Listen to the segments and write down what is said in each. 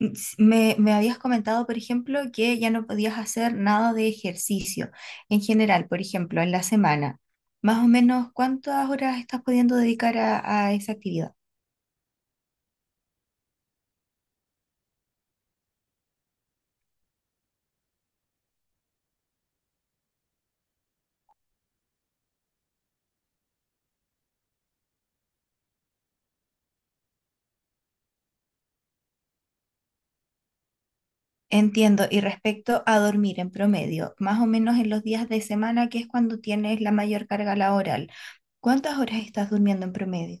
Me habías comentado, por ejemplo, que ya no podías hacer nada de ejercicio en general, por ejemplo, en la semana. Más o menos, ¿cuántas horas estás pudiendo dedicar a esa actividad? Entiendo. Y respecto a dormir en promedio, más o menos en los días de semana, que es cuando tienes la mayor carga laboral, ¿cuántas horas estás durmiendo en promedio?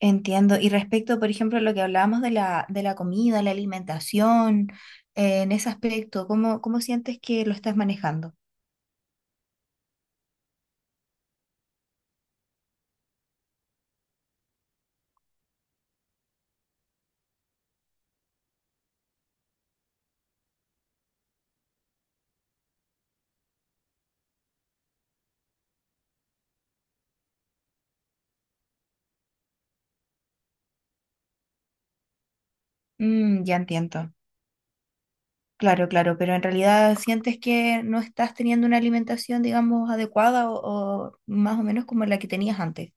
Entiendo. Y respecto, por ejemplo, a lo que hablábamos de la comida, la alimentación, en ese aspecto, cómo sientes que lo estás manejando? Mm, ya entiendo. Claro, claro, pero en realidad sientes que no estás teniendo una alimentación, digamos, adecuada o más o menos como la que tenías antes.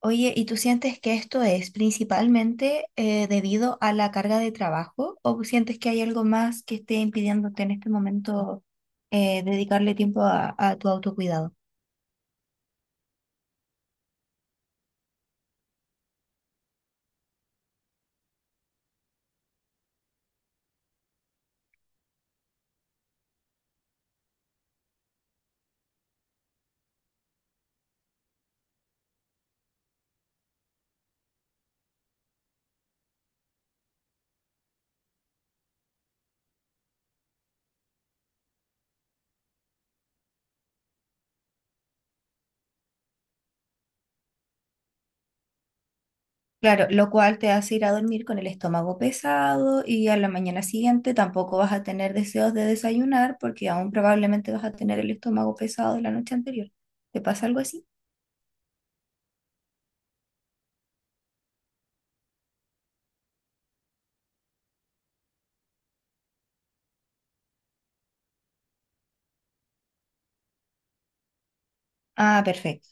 Oye, ¿y tú sientes que esto es principalmente debido a la carga de trabajo o sientes que hay algo más que esté impidiéndote en este momento dedicarle tiempo a tu autocuidado? Claro, lo cual te hace ir a dormir con el estómago pesado y a la mañana siguiente tampoco vas a tener deseos de desayunar porque aún probablemente vas a tener el estómago pesado de la noche anterior. ¿Te pasa algo así? Ah, perfecto.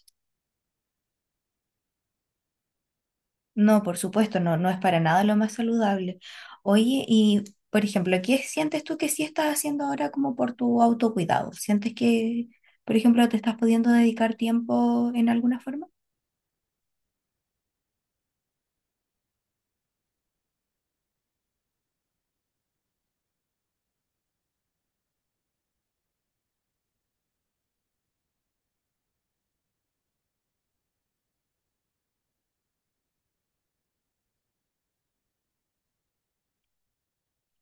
No, por supuesto, no, no es para nada lo más saludable. Oye, y por ejemplo, ¿qué sientes tú que sí estás haciendo ahora como por tu autocuidado? ¿Sientes que, por ejemplo, te estás pudiendo dedicar tiempo en alguna forma?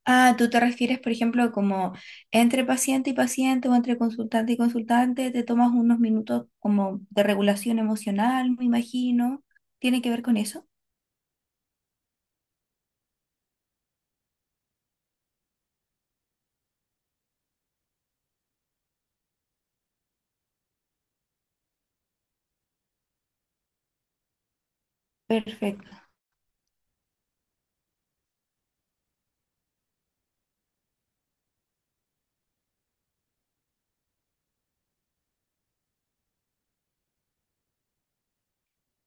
Ah, tú te refieres, por ejemplo, como entre paciente y paciente o entre consultante y consultante, te tomas unos minutos como de regulación emocional, me imagino. ¿Tiene que ver con eso? Perfecto.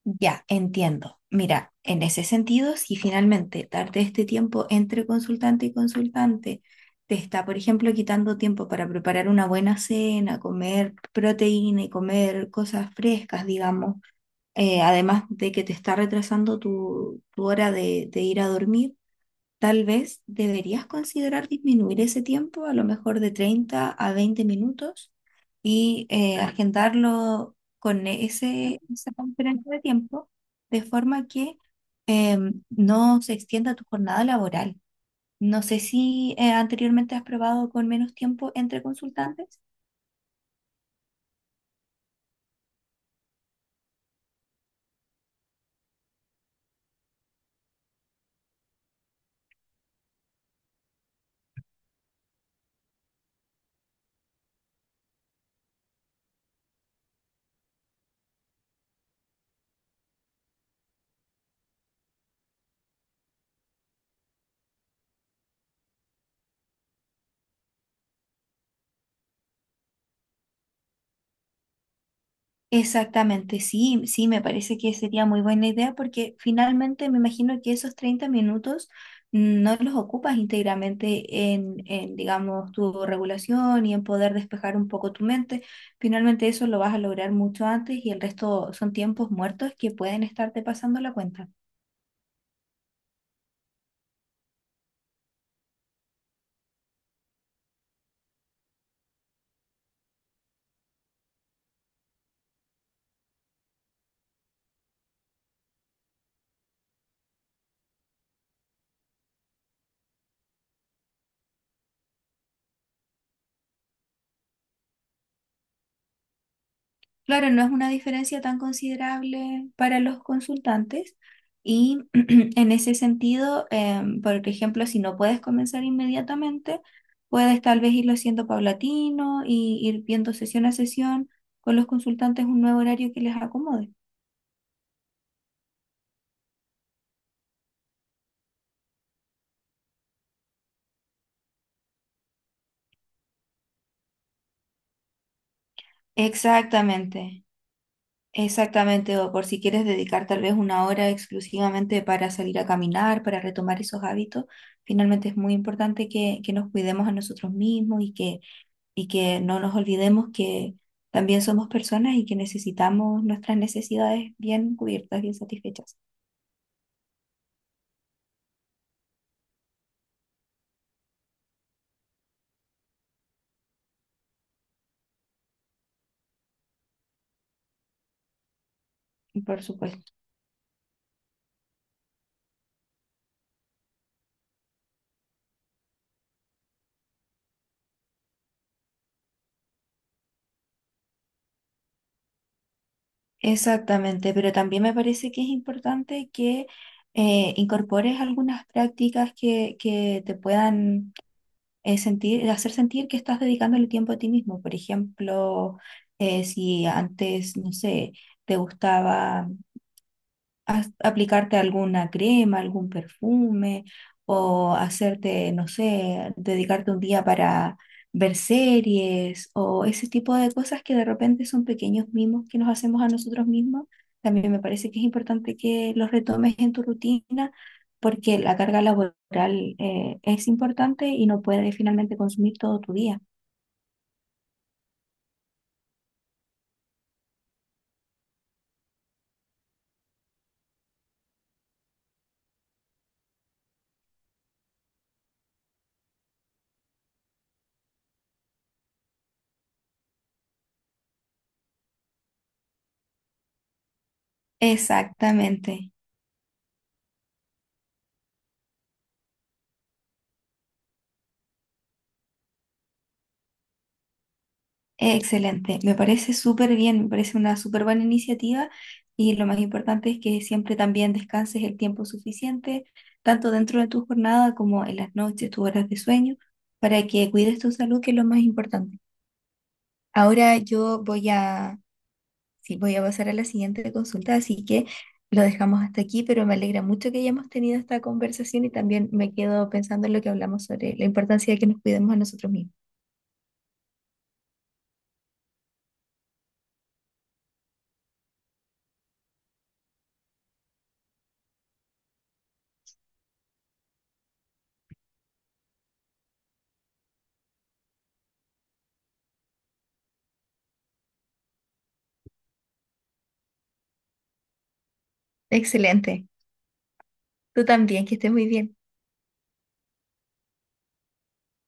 Ya, entiendo. Mira, en ese sentido, si finalmente darte este tiempo entre consultante y consultante te está, por ejemplo, quitando tiempo para preparar una buena cena, comer proteína y comer cosas frescas, digamos, además de que te está retrasando tu hora de ir a dormir, tal vez deberías considerar disminuir ese tiempo, a lo mejor de 30 a 20 minutos, y agendarlo con ese, esa conferencia de tiempo, de forma que eh, no se extienda tu jornada laboral. No sé si anteriormente has probado con menos tiempo entre consultantes. Exactamente, sí, sí, me parece que sería muy buena idea porque finalmente me imagino que esos 30 minutos no los ocupas íntegramente digamos, tu regulación y en poder despejar un poco tu mente. Finalmente eso lo vas a lograr mucho antes y el resto son tiempos muertos que pueden estarte pasando la cuenta. Claro, no es una diferencia tan considerable para los consultantes y en ese sentido, por ejemplo, si no puedes comenzar inmediatamente, puedes tal vez irlo haciendo paulatino y ir viendo sesión a sesión con los consultantes un nuevo horario que les acomode. Exactamente, exactamente, o por si quieres dedicar tal vez una hora exclusivamente para salir a caminar, para retomar esos hábitos, finalmente es muy importante que nos cuidemos a nosotros mismos y que no nos olvidemos que también somos personas y que necesitamos nuestras necesidades bien cubiertas, bien satisfechas. Por supuesto. Exactamente, pero también me parece que es importante que incorpores algunas prácticas que te puedan sentir, hacer sentir que estás dedicándole tiempo a ti mismo. Por ejemplo, si antes, no sé, te gustaba aplicarte alguna crema, algún perfume, o hacerte, no sé, dedicarte un día para ver series, o ese tipo de cosas que de repente son pequeños mimos que nos hacemos a nosotros mismos. También me parece que es importante que los retomes en tu rutina porque la carga laboral es importante y no puedes finalmente consumir todo tu día. Exactamente. Excelente, me parece súper bien, me parece una súper buena iniciativa y lo más importante es que siempre también descanses el tiempo suficiente, tanto dentro de tu jornada como en las noches, tus horas de sueño, para que cuides tu salud, que es lo más importante. Ahora yo voy a, sí, voy a pasar a la siguiente consulta, así que lo dejamos hasta aquí, pero me alegra mucho que hayamos tenido esta conversación y también me quedo pensando en lo que hablamos sobre la importancia de que nos cuidemos a nosotros mismos. Excelente, tú también, que estés muy bien.